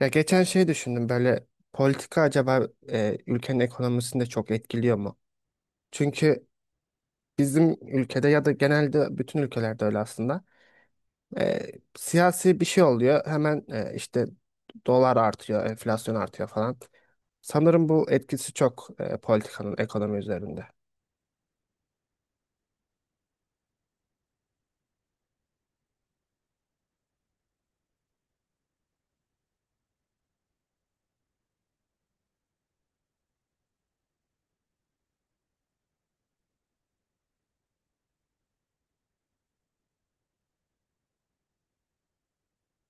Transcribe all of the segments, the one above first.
Ya geçen şey düşündüm böyle politika acaba ülkenin ekonomisini de çok etkiliyor mu? Çünkü bizim ülkede ya da genelde bütün ülkelerde öyle aslında. e, Siyasi bir şey oluyor hemen işte dolar artıyor, enflasyon artıyor falan. Sanırım bu etkisi çok politikanın ekonomi üzerinde.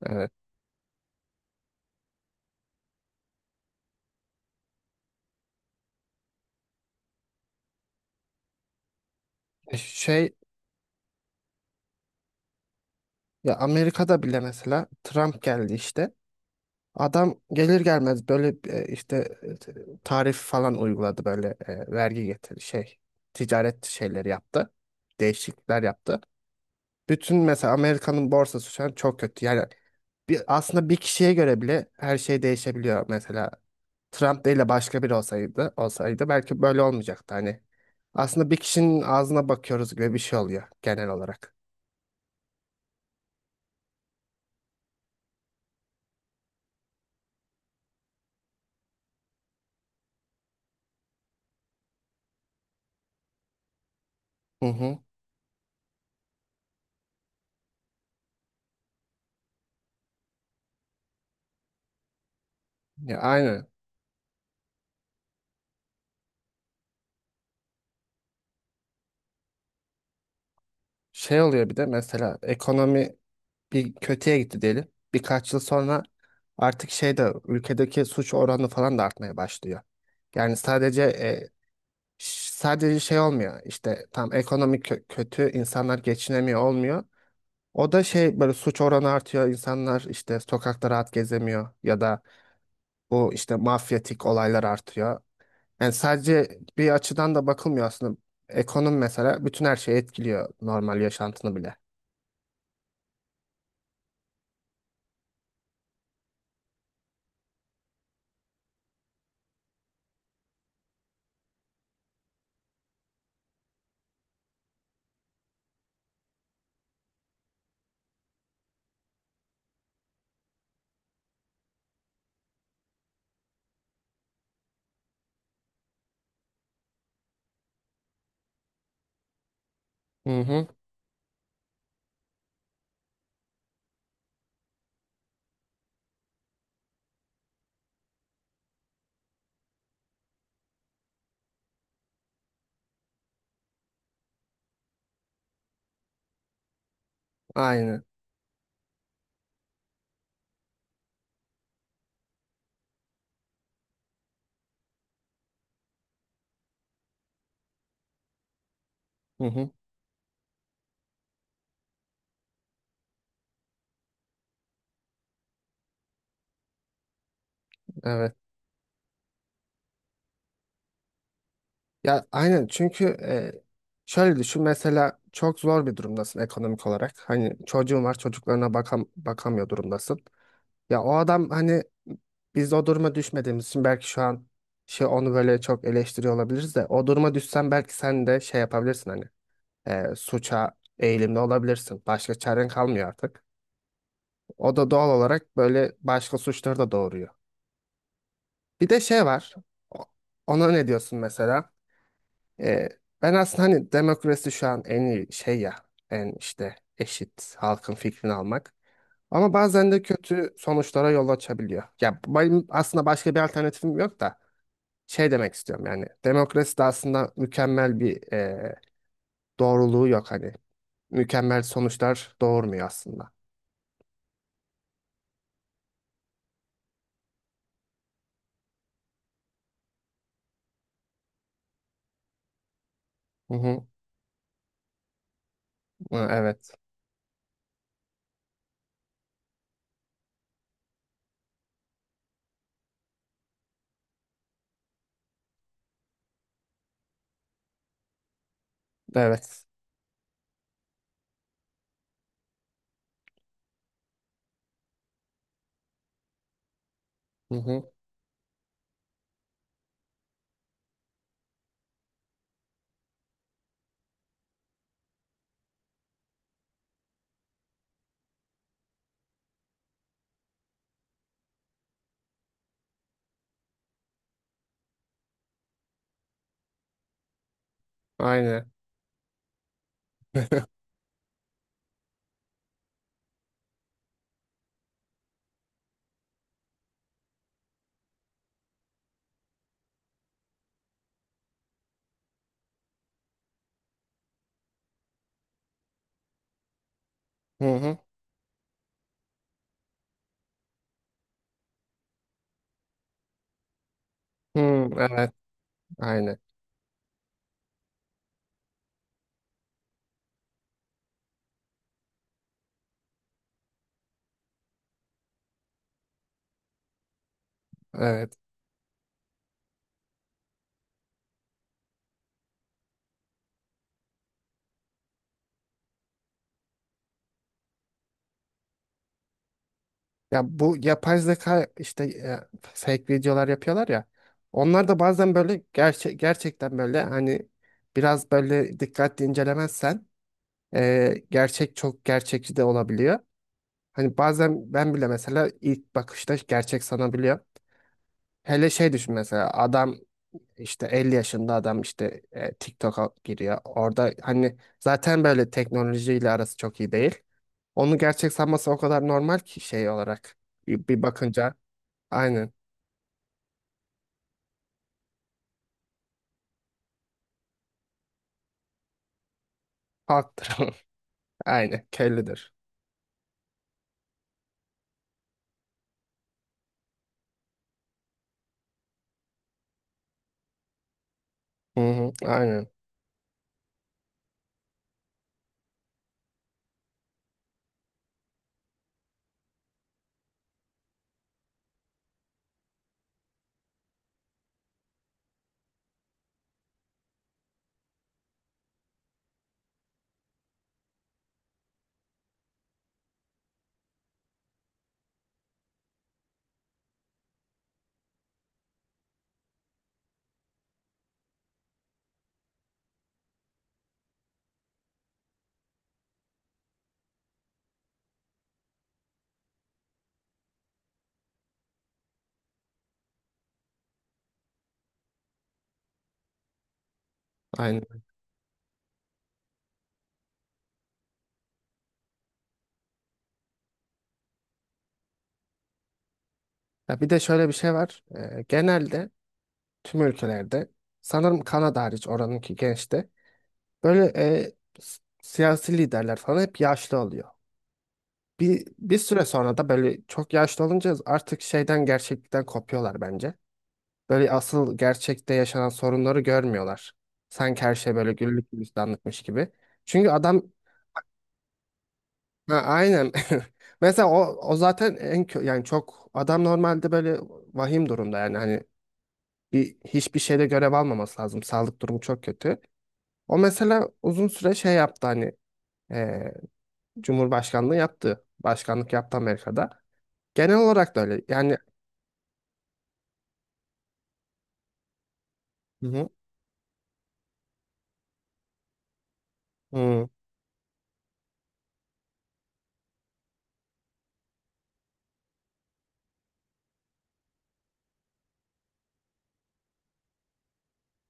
Evet. Şey ya Amerika'da bile mesela Trump geldi işte. Adam gelir gelmez böyle işte tarif falan uyguladı böyle vergi getir şey ticaret şeyleri yaptı. Değişiklikler yaptı. Bütün mesela Amerika'nın borsası şu an çok kötü. Yani bir, aslında bir kişiye göre bile her şey değişebiliyor. Mesela Trump değil de başka biri olsaydı belki böyle olmayacaktı hani. Aslında bir kişinin ağzına bakıyoruz gibi bir şey oluyor genel olarak. Hı hı. Ya aynı şey oluyor bir de mesela ekonomi bir kötüye gitti diyelim. Birkaç yıl sonra artık şey de ülkedeki suç oranı falan da artmaya başlıyor. Yani sadece şey olmuyor. İşte tam ekonomik kötü insanlar geçinemiyor olmuyor. O da şey böyle suç oranı artıyor. İnsanlar işte sokakta rahat gezemiyor ya da bu işte mafyatik olaylar artıyor. Yani sadece bir açıdan da bakılmıyor aslında. Ekonomi mesela bütün her şeyi etkiliyor normal yaşantını bile. Hı hı. Aynı. Hı hı. Evet. Ya aynen çünkü şöyle düşün mesela çok zor bir durumdasın ekonomik olarak. Hani çocuğun var çocuklarına bakamıyor durumdasın. Ya o adam hani biz o duruma düşmediğimiz için belki şu an şey onu böyle çok eleştiriyor olabiliriz de o duruma düşsen belki sen de şey yapabilirsin hani suça eğilimli olabilirsin. Başka çaren kalmıyor artık. O da doğal olarak böyle başka suçları da doğuruyor. Bir de şey var. O- Ona ne diyorsun mesela? Ee, Ben aslında hani demokrasi şu an en iyi şey ya, en işte eşit halkın fikrini almak. Ama bazen de kötü sonuçlara yol açabiliyor. Ya benim aslında başka bir alternatifim yok da şey demek istiyorum yani demokrasi de aslında mükemmel bir doğruluğu yok hani mükemmel sonuçlar doğurmuyor aslında. Hı hı. Hı, evet. Evet. Hı hı. Aynen. Hı hı. Hı, evet. Aynen. Evet. Ya bu yapay zeka işte fake videolar yapıyorlar ya. Onlar da bazen böyle gerçek gerçekten böyle hani biraz böyle dikkatli incelemezsen gerçek çok gerçekçi de olabiliyor. Hani bazen ben bile mesela ilk bakışta gerçek sanabiliyor. Hele şey düşün mesela adam işte 50 yaşında adam işte TikTok'a giriyor. Orada hani zaten böyle teknolojiyle arası çok iyi değil. Onu gerçek sanması o kadar normal ki şey olarak bir bakınca. Aynen. Halktır. Aynen. Kellidir. Hı hı. Aynen. Aynen. Ya bir de şöyle bir şey var. Genelde tüm ülkelerde sanırım Kanada hariç oranınki gençte böyle siyasi liderler falan hep yaşlı oluyor. Bir süre sonra da böyle çok yaşlı olunca artık şeyden gerçeklikten kopuyorlar bence. Böyle asıl gerçekte yaşanan sorunları görmüyorlar. Sanki her şey böyle güllük gülistanlıkmış gibi. Çünkü adam. Ha, aynen. Mesela o zaten yani çok adam normalde böyle vahim durumda yani hani hiçbir şeyde görev almaması lazım. Sağlık durumu çok kötü. O mesela uzun süre şey yaptı hani e, Cumhurbaşkanlığı yaptı. Başkanlık yaptı Amerika'da. Genel olarak da öyle. Yani hı hı, hı,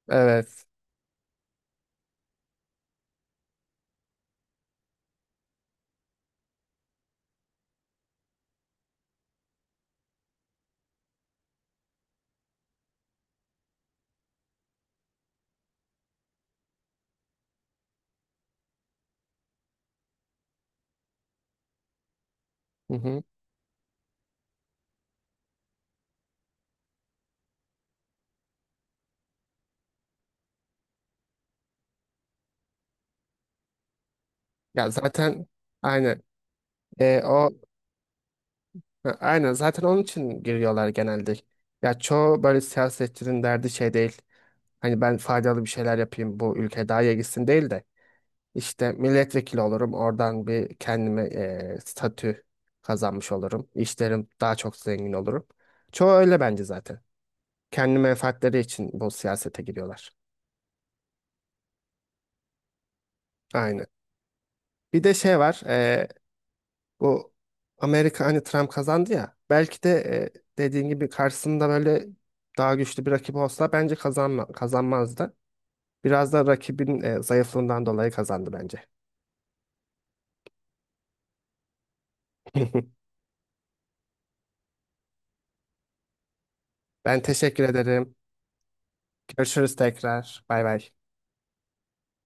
evet. Hı hı. Ya zaten aynen. O ha, aynen zaten onun için giriyorlar genelde. Ya çoğu böyle siyasetçinin derdi şey değil. Hani ben faydalı bir şeyler yapayım bu ülke daha iyi gitsin değil de işte milletvekili olurum oradan bir kendime statü kazanmış olurum. İşlerim daha çok zengin olurum. Çoğu öyle bence zaten. Kendi menfaatleri için bu siyasete giriyorlar. Aynen. Bir de şey var bu Amerika hani Trump kazandı ya belki de dediğin gibi karşısında böyle daha güçlü bir rakip olsa bence kazanmazdı. Biraz da rakibin zayıflığından dolayı kazandı bence. Ben teşekkür ederim. Görüşürüz tekrar. Bay bay.